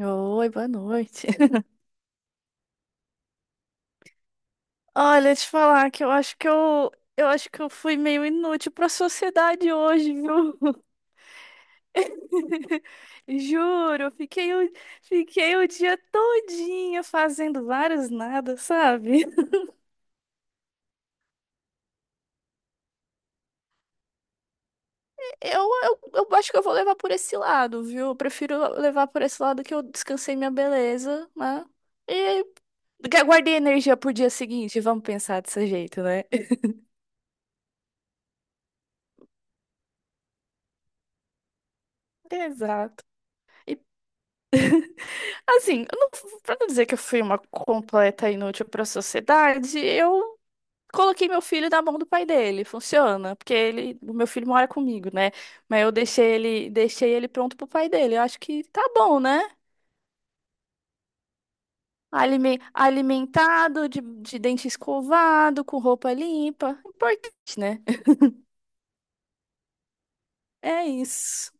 Oi, boa noite. Olha, te falar que eu acho que eu fui meio inútil pra sociedade hoje, viu? Juro, fiquei o dia todinho fazendo vários nada, sabe? Eu acho que eu vou levar por esse lado, viu? Eu prefiro levar por esse lado que eu descansei minha beleza, né? E guardei energia pro dia seguinte, vamos pensar desse jeito, né? Exato. Assim, eu não, pra não dizer que eu fui uma completa inútil pra sociedade, eu coloquei meu filho na mão do pai dele. Funciona, porque o meu filho mora comigo, né? Mas eu deixei ele pronto pro pai dele. Eu acho que tá bom, né? Alimentado, de dente escovado, com roupa limpa. Importante, né? É isso.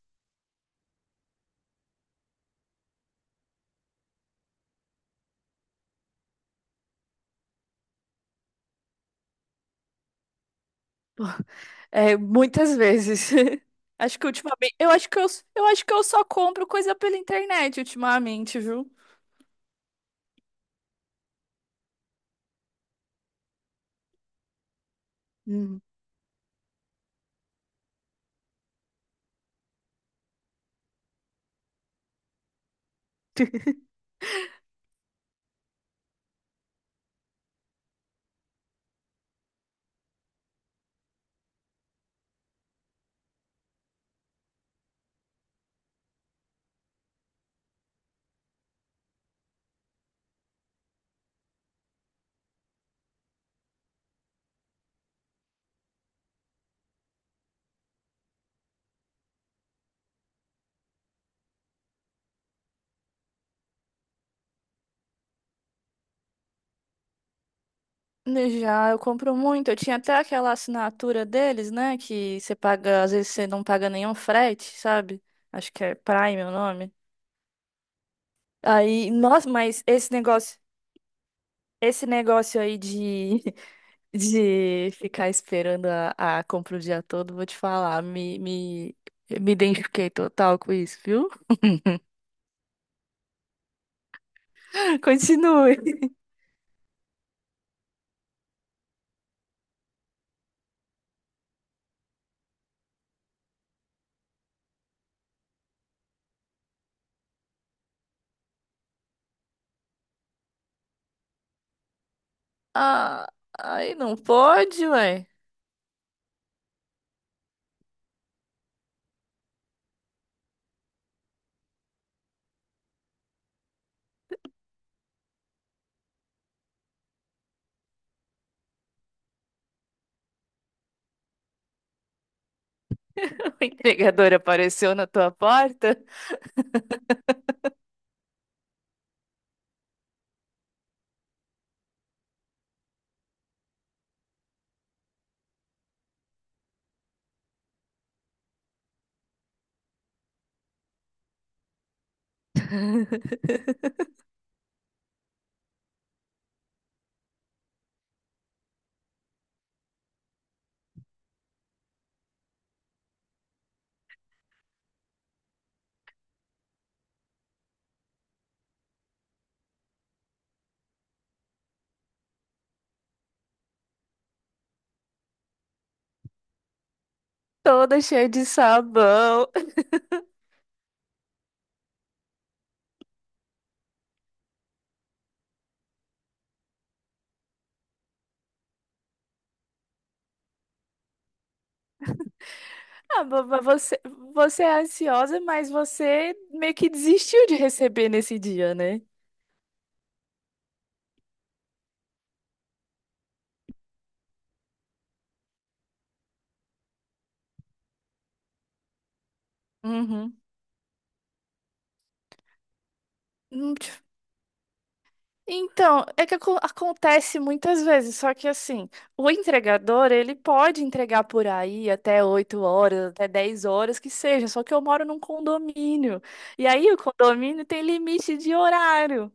É, muitas vezes. Acho que ultimamente, eu acho que eu só compro coisa pela internet ultimamente, viu? Já, eu compro muito. Eu tinha até aquela assinatura deles, né? Que você paga, às vezes você não paga nenhum frete, sabe? Acho que é Prime o nome. Aí, nossa, mas esse negócio aí de, de ficar esperando a compra o dia todo, vou te falar, me identifiquei total com isso, viu? Continue. Ah, aí não pode, ué. A entregadora apareceu na tua porta toda cheia de sabão. Ah, você é ansiosa, mas você meio que desistiu de receber nesse dia, né? Uhum. Hum, tch- Então, é que acontece muitas vezes, só que assim, o entregador, ele pode entregar por aí até 8 horas, até 10 horas, que seja, só que eu moro num condomínio. E aí o condomínio tem limite de horário.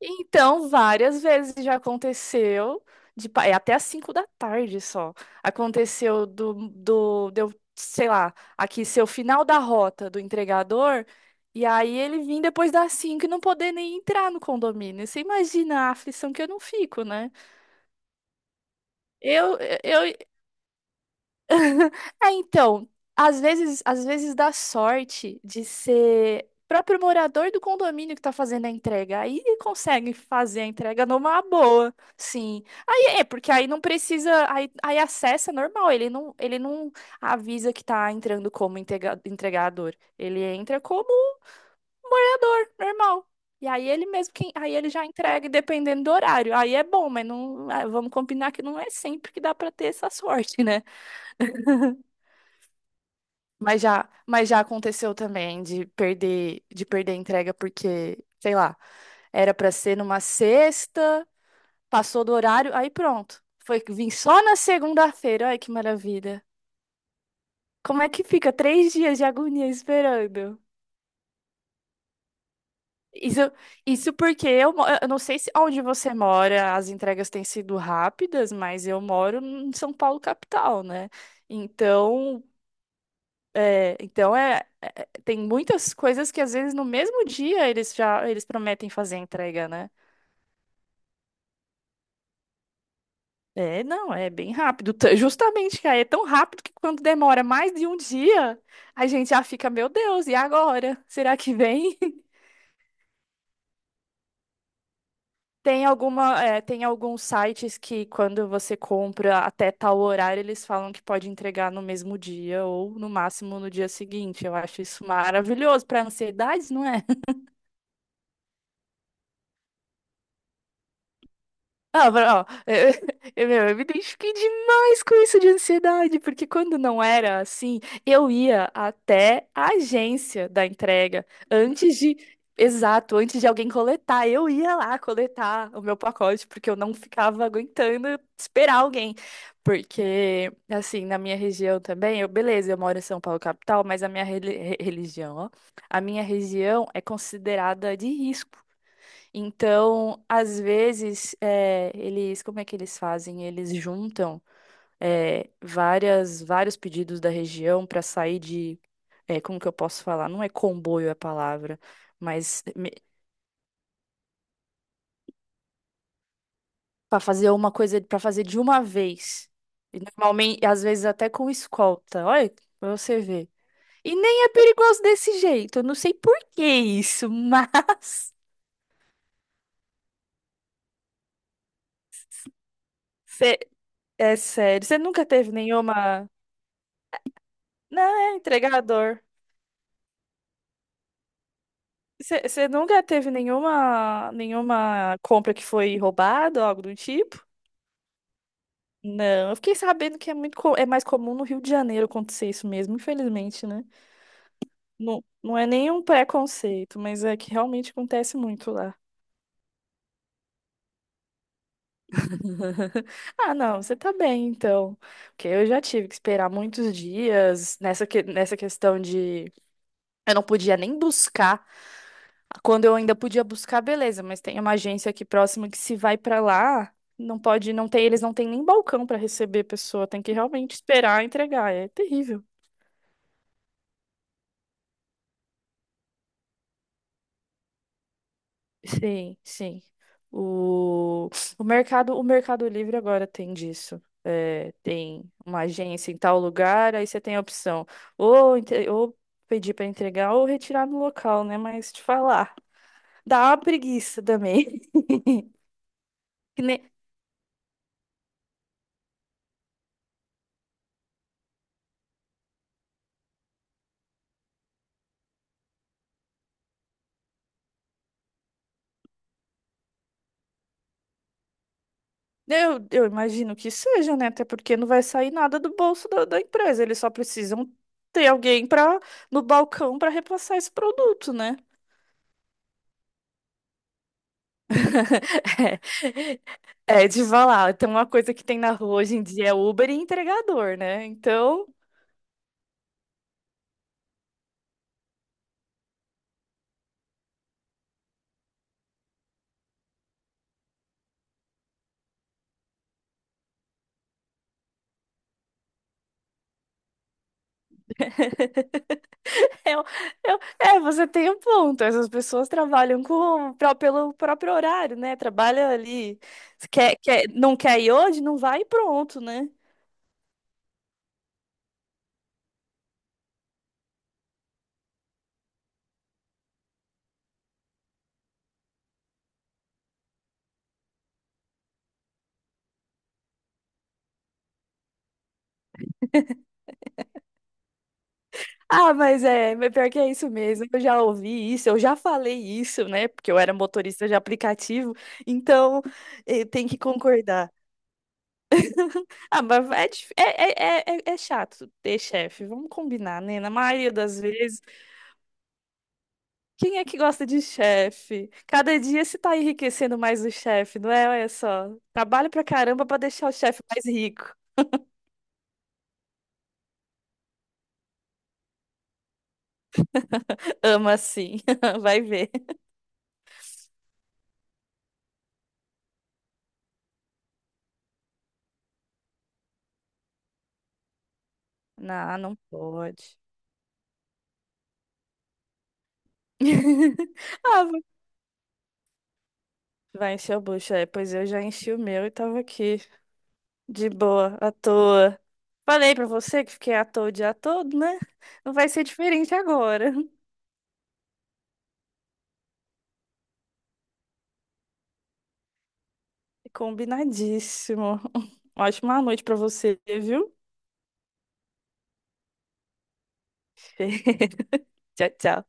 Então, várias vezes já aconteceu, é até às 5 da tarde só. Aconteceu sei lá, aqui ser o final da rota do entregador, e aí ele vir depois das 5 e não poder nem entrar no condomínio. Você imagina a aflição que eu não fico, né? Eu, eu, É, então, às vezes dá sorte de ser próprio morador do condomínio que tá fazendo a entrega. Aí consegue fazer a entrega numa boa, sim. Aí é, porque aí acessa normal, ele não avisa que tá entrando como entregador. Ele entra como morador, normal. E aí ele já entrega dependendo do horário. Aí é bom, mas não, ah, vamos combinar que não é sempre que dá pra ter essa sorte, né? Mas já aconteceu também de perder a entrega porque, sei lá, era pra ser numa sexta, passou do horário, aí pronto. Foi que vim só na segunda-feira. Ai, que maravilha. Como é que fica três dias de agonia esperando? Isso, isso porque eu não sei se onde você mora as entregas têm sido rápidas, mas eu moro em São Paulo capital, né? Então, É, então tem muitas coisas que às vezes no mesmo dia eles prometem fazer a entrega, né? É, não, é bem rápido. Justamente, cara, é tão rápido que quando demora mais de um dia, a gente já fica, meu Deus, e agora? Será que vem? Tem alguma, é, tem alguns sites que quando você compra até tal horário, eles falam que pode entregar no mesmo dia ou no máximo no dia seguinte. Eu acho isso maravilhoso para ansiedade, não é? Ah, ó, eu, eu me identifiquei demais com isso de ansiedade, porque quando não era assim, eu ia até a agência da entrega antes de, exato, antes de alguém coletar. Eu ia lá coletar o meu pacote, porque eu não ficava aguentando esperar alguém. Porque, assim, na minha região também, eu, beleza, eu moro em São Paulo, capital, mas a minha religião, ó, a minha região é considerada de risco. Então, eles, como é que eles fazem? Eles juntam, vários pedidos da região para sair como que eu posso falar? Não é comboio a palavra, mas para fazer uma coisa, para fazer de uma vez. E normalmente, às vezes até com escolta. Olha, pra você ver. E nem é perigoso desse jeito. Eu não sei por que isso, mas Cê- é sério. Você nunca teve nenhuma, não, é entregador. Você nunca teve nenhuma compra que foi roubada ou algo do tipo? Não, eu fiquei sabendo que é é mais comum no Rio de Janeiro acontecer isso mesmo, infelizmente, né? Não, não é nenhum preconceito, mas é que realmente acontece muito lá. Ah, não, você tá bem, então. Porque eu já tive que esperar muitos dias nessa questão de eu não podia nem buscar. Quando eu ainda podia buscar, beleza, mas tem uma agência aqui próxima que se vai pra lá, não pode, não tem, eles não têm nem balcão pra receber a pessoa, tem que realmente esperar entregar, é terrível. Sim, sim. O, o Mercado Livre agora tem disso. É, tem uma agência em tal lugar, aí você tem a opção ou pedir para entregar ou retirar no local, né? Mas te falar, dá uma preguiça também. Eu imagino que seja, né? Até porque não vai sair nada do bolso da empresa. Eles só precisam ter alguém para no balcão para repassar esse produto, né? É, é de falar. Tem uma coisa que tem na rua hoje em dia é Uber e entregador, né? Então, eu, é, você tem um ponto. Essas pessoas trabalham pelo próprio horário, né? Trabalha ali. Não quer ir hoje? Não vai e pronto, né? Ah, mas é, mas pior que é isso mesmo. Eu já ouvi isso, eu já falei isso, né? Porque eu era motorista de aplicativo, então tem que concordar. Ah, mas é é chato ter chefe, vamos combinar, né? Na maioria das vezes, quem é que gosta de chefe? Cada dia se tá enriquecendo mais o chefe, não é? Olha só, trabalho pra caramba pra deixar o chefe mais rico. Ama assim, vai ver. Não, não pode. Ah, vai encher o bucho, é. Pois eu já enchi o meu e tava aqui, de boa, à toa. Falei pra você que fiquei à toa o dia todo, né? Não vai ser diferente agora. Combinadíssimo. Ótima noite pra você, viu? Tchau, tchau.